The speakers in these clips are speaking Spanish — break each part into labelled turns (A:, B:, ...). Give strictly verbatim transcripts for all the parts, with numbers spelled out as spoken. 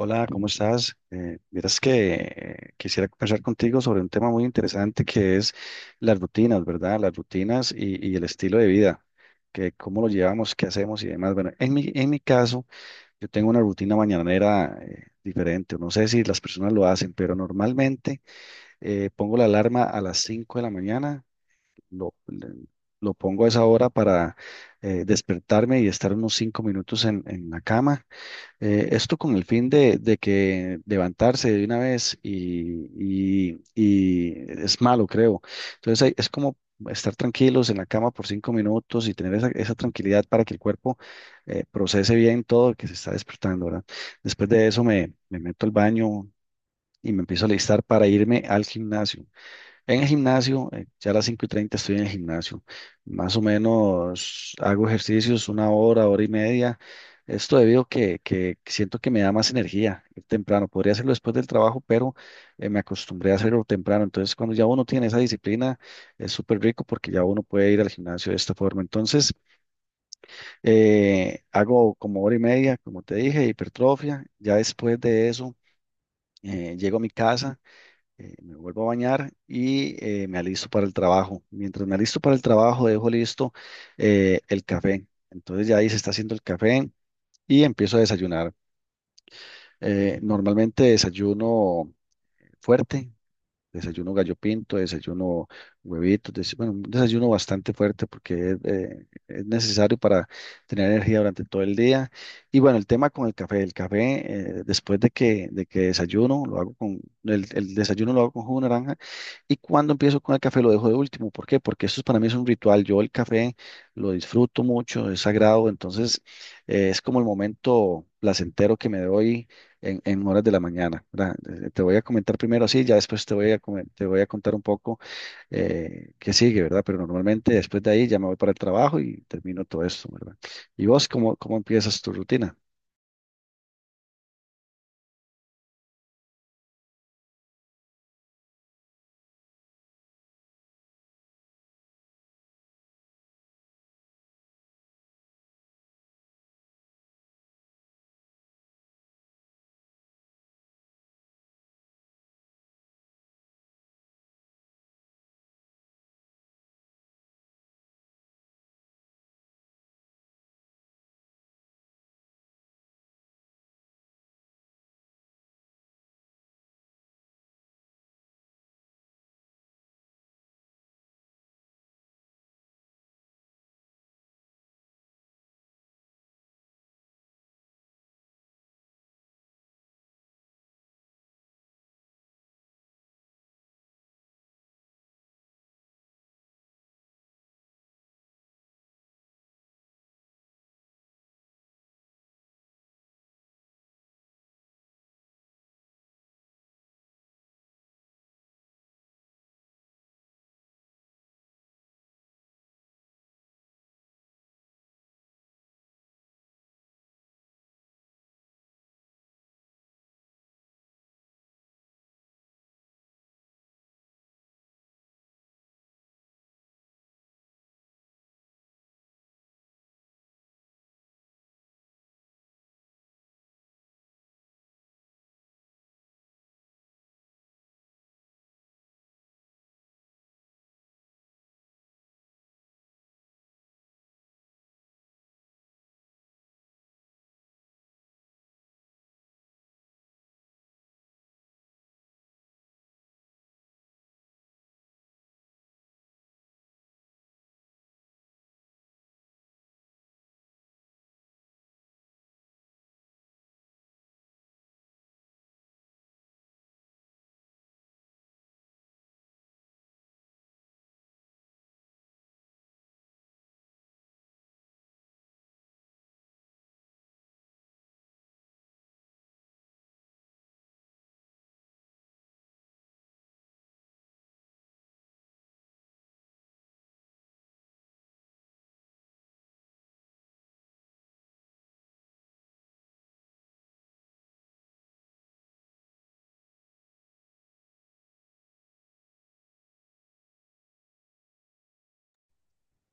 A: Hola, ¿cómo estás? Eh, miras que eh, quisiera conversar contigo sobre un tema muy interesante que es las rutinas, ¿verdad? Las rutinas y, y el estilo de vida, que cómo lo llevamos, qué hacemos y demás. Bueno, en mi, en mi caso, yo tengo una rutina mañanera eh, diferente. No sé si las personas lo hacen, pero normalmente eh, pongo la alarma a las cinco de la mañana. lo, le- lo pongo a esa hora para eh, despertarme y estar unos cinco minutos en en la cama, eh, esto con el fin de, de que levantarse de una vez y, y- y es malo, creo. Entonces hay- es como estar tranquilos en la cama por cinco minutos y tener esa, esa tranquilidad para que el cuerpo eh, procese bien todo que se está despertando, ¿verdad? Después de eso me, me meto al baño y me empiezo a listar para irme al gimnasio. En el gimnasio, eh, ya a las cinco y treinta estoy en el gimnasio. Más o menos hago ejercicios una hora, hora y media. Esto debido a que, que siento que me da más energía ir temprano. Podría hacerlo después del trabajo, pero eh, me acostumbré a hacerlo temprano. Entonces, cuando ya uno tiene esa disciplina, es súper rico porque ya uno puede ir al gimnasio de esta forma. Entonces, eh, hago como hora y media, como te dije, hipertrofia. Ya después de eso, eh, llego a mi casa, eh, me vuelvo a bañar y eh, me alisto para el trabajo. Mientras me alisto para el trabajo, dejo listo eh, el café. Entonces ya ahí se está haciendo el café y empiezo a desayunar. Eh, normalmente desayuno fuerte. Desayuno gallo pinto, desayuno huevitos, des- bueno, un desayuno bastante fuerte porque es, eh, es necesario para tener energía durante todo el día. Y bueno, el tema con el café, el café, eh, después de que, de que desayuno, lo hago con, el, el desayuno lo hago con jugo de naranja, y cuando empiezo con el café lo dejo de último. ¿Por qué? Porque esto es- para mí es un ritual. Yo el café lo disfruto mucho, es sagrado. Entonces eh, es como el momento placentero que me doy en, en horas de la mañana, ¿verdad? Eh, Te voy a comentar primero así, ya después te voy a, come- te voy a contar un poco eh, qué sigue, ¿verdad? Pero normalmente después de ahí ya me voy para el trabajo y termino todo esto, ¿verdad? ¿Y vos cómo, cómo empiezas tu rutina?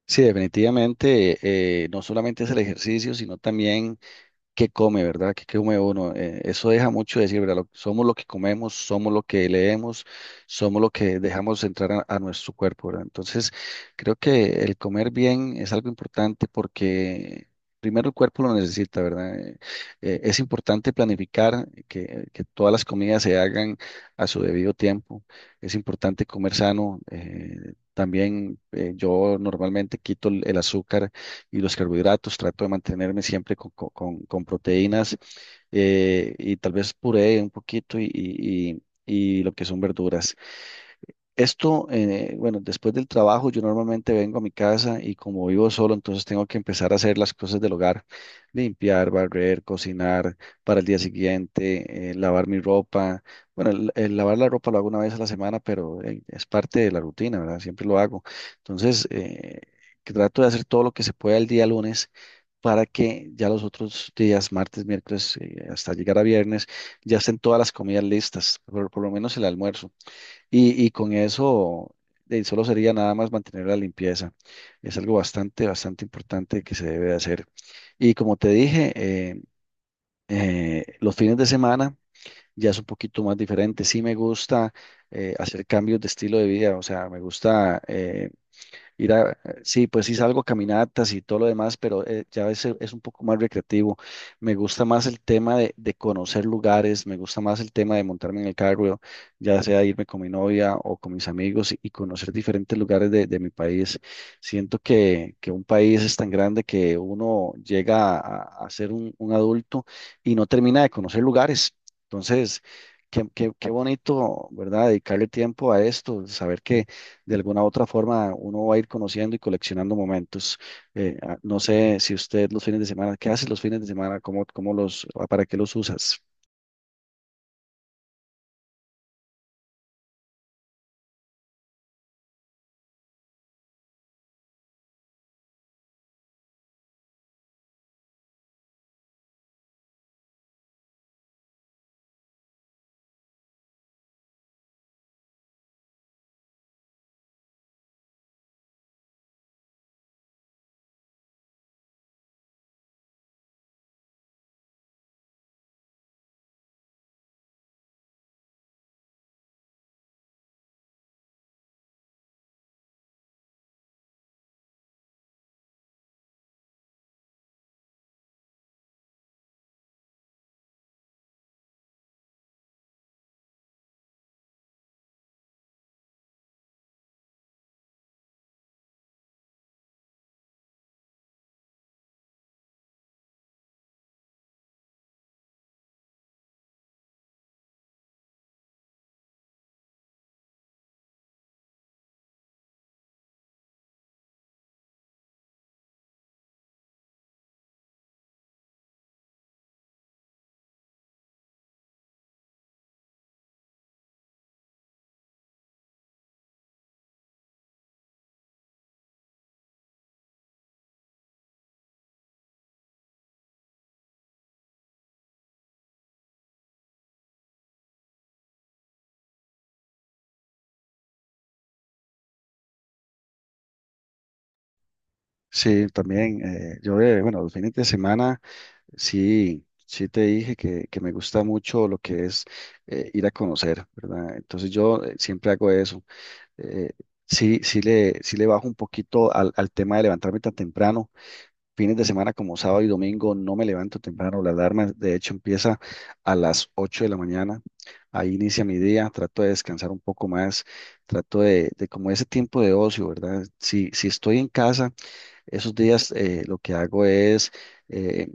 A: Sí, definitivamente, eh, no solamente es el ejercicio, sino también qué come, ¿verdad? ¿Qué, qué come uno? Eh, eso deja mucho decir, ¿verdad? Lo- somos lo que comemos, somos lo que leemos, somos lo que dejamos entrar a, a nuestro cuerpo, ¿verdad? Entonces, creo que el comer bien es algo importante porque primero el cuerpo lo necesita, ¿verdad? Eh, eh, es importante planificar que, que todas las comidas se hagan a su debido tiempo. Es importante comer sano. eh, También eh, yo normalmente quito el el azúcar y los carbohidratos, trato de mantenerme siempre con, con- con- con proteínas, eh, y tal vez puré un poquito y, y- y- y lo que son verduras. Esto, eh, bueno, después del trabajo yo normalmente vengo a mi casa y como vivo solo, entonces tengo que empezar a hacer las cosas del hogar: limpiar, barrer, cocinar para el día siguiente, eh, lavar mi ropa. Bueno, el, el lavar la ropa lo hago una vez a la semana, pero eh, es parte de la rutina, ¿verdad? Siempre lo hago. Entonces, eh, que trato de hacer todo lo que se pueda el día lunes para que ya los otros días, martes, miércoles, eh, hasta llegar a viernes, ya estén todas las comidas listas, por por lo menos el almuerzo. Y, y con eso eh, solo sería nada más mantener la limpieza. Es algo bastante, bastante importante que se debe de hacer. Y como te dije, eh, eh, los fines de semana ya es un poquito más diferente. Sí me gusta eh, hacer cambios de estilo de vida, o sea, me gusta eh, ir a, eh, sí, pues sí salgo a caminatas y todo lo demás, pero eh, ya es, es un poco más recreativo. Me gusta más el tema de, de conocer lugares, me gusta más el tema de montarme en el carro, ya sea irme con mi novia o con mis amigos y, y conocer diferentes lugares de, de mi país. Siento que, que un país es tan grande que uno llega a, a ser un, un adulto y no termina de conocer lugares. Entonces, qué, qué, qué bonito, ¿verdad? Dedicarle tiempo a esto, saber que de alguna u otra forma uno va a ir conociendo y coleccionando momentos. Eh, ah, no sé si usted los fines de semana, ¿qué hace los fines de semana? ¿Cómo, cómo los, ah, para qué los usas? Sí, también. Eh, yo, eh, bueno, los fines de semana, sí, sí te dije que, que me gusta mucho lo que es eh, ir a conocer, ¿verdad? Entonces yo eh, siempre hago eso. Eh, sí, sí le, sí le bajo un poquito al, al tema de levantarme tan temprano. Fines de semana como sábado y domingo no me levanto temprano. La alarma, de hecho, empieza a las ocho de la mañana. Ahí inicia mi día. Trato de descansar un poco más. Trato de, de como ese tiempo de ocio, ¿verdad? Si, si estoy en casa, esos días eh, lo que hago es, eh,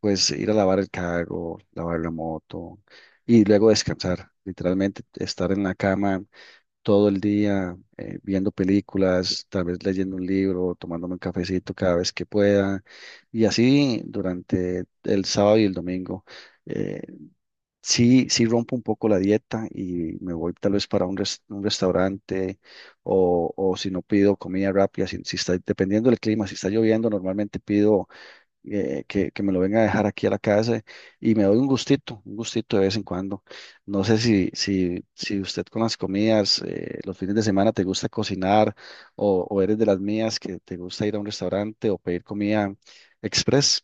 A: pues, ir a lavar el carro, lavar la moto y luego descansar. Literalmente estar en la cama todo el día, eh, viendo películas, tal vez leyendo un libro, tomándome un cafecito cada vez que pueda, y así durante el sábado y el domingo. Eh, sí, sí rompo un poco la dieta y me voy tal vez para un, res- un restaurante, o, o si no pido comida rápida, si, si está, dependiendo del clima, si está lloviendo, normalmente pido eh, que, que me lo venga a dejar aquí a la casa y me doy un gustito, un gustito de vez en cuando. No sé si, si, si usted con las comidas, eh, los fines de semana te gusta cocinar o, o eres de las mías que te gusta ir a un restaurante o pedir comida express.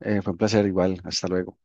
A: Eh, fue un placer igual. Hasta luego.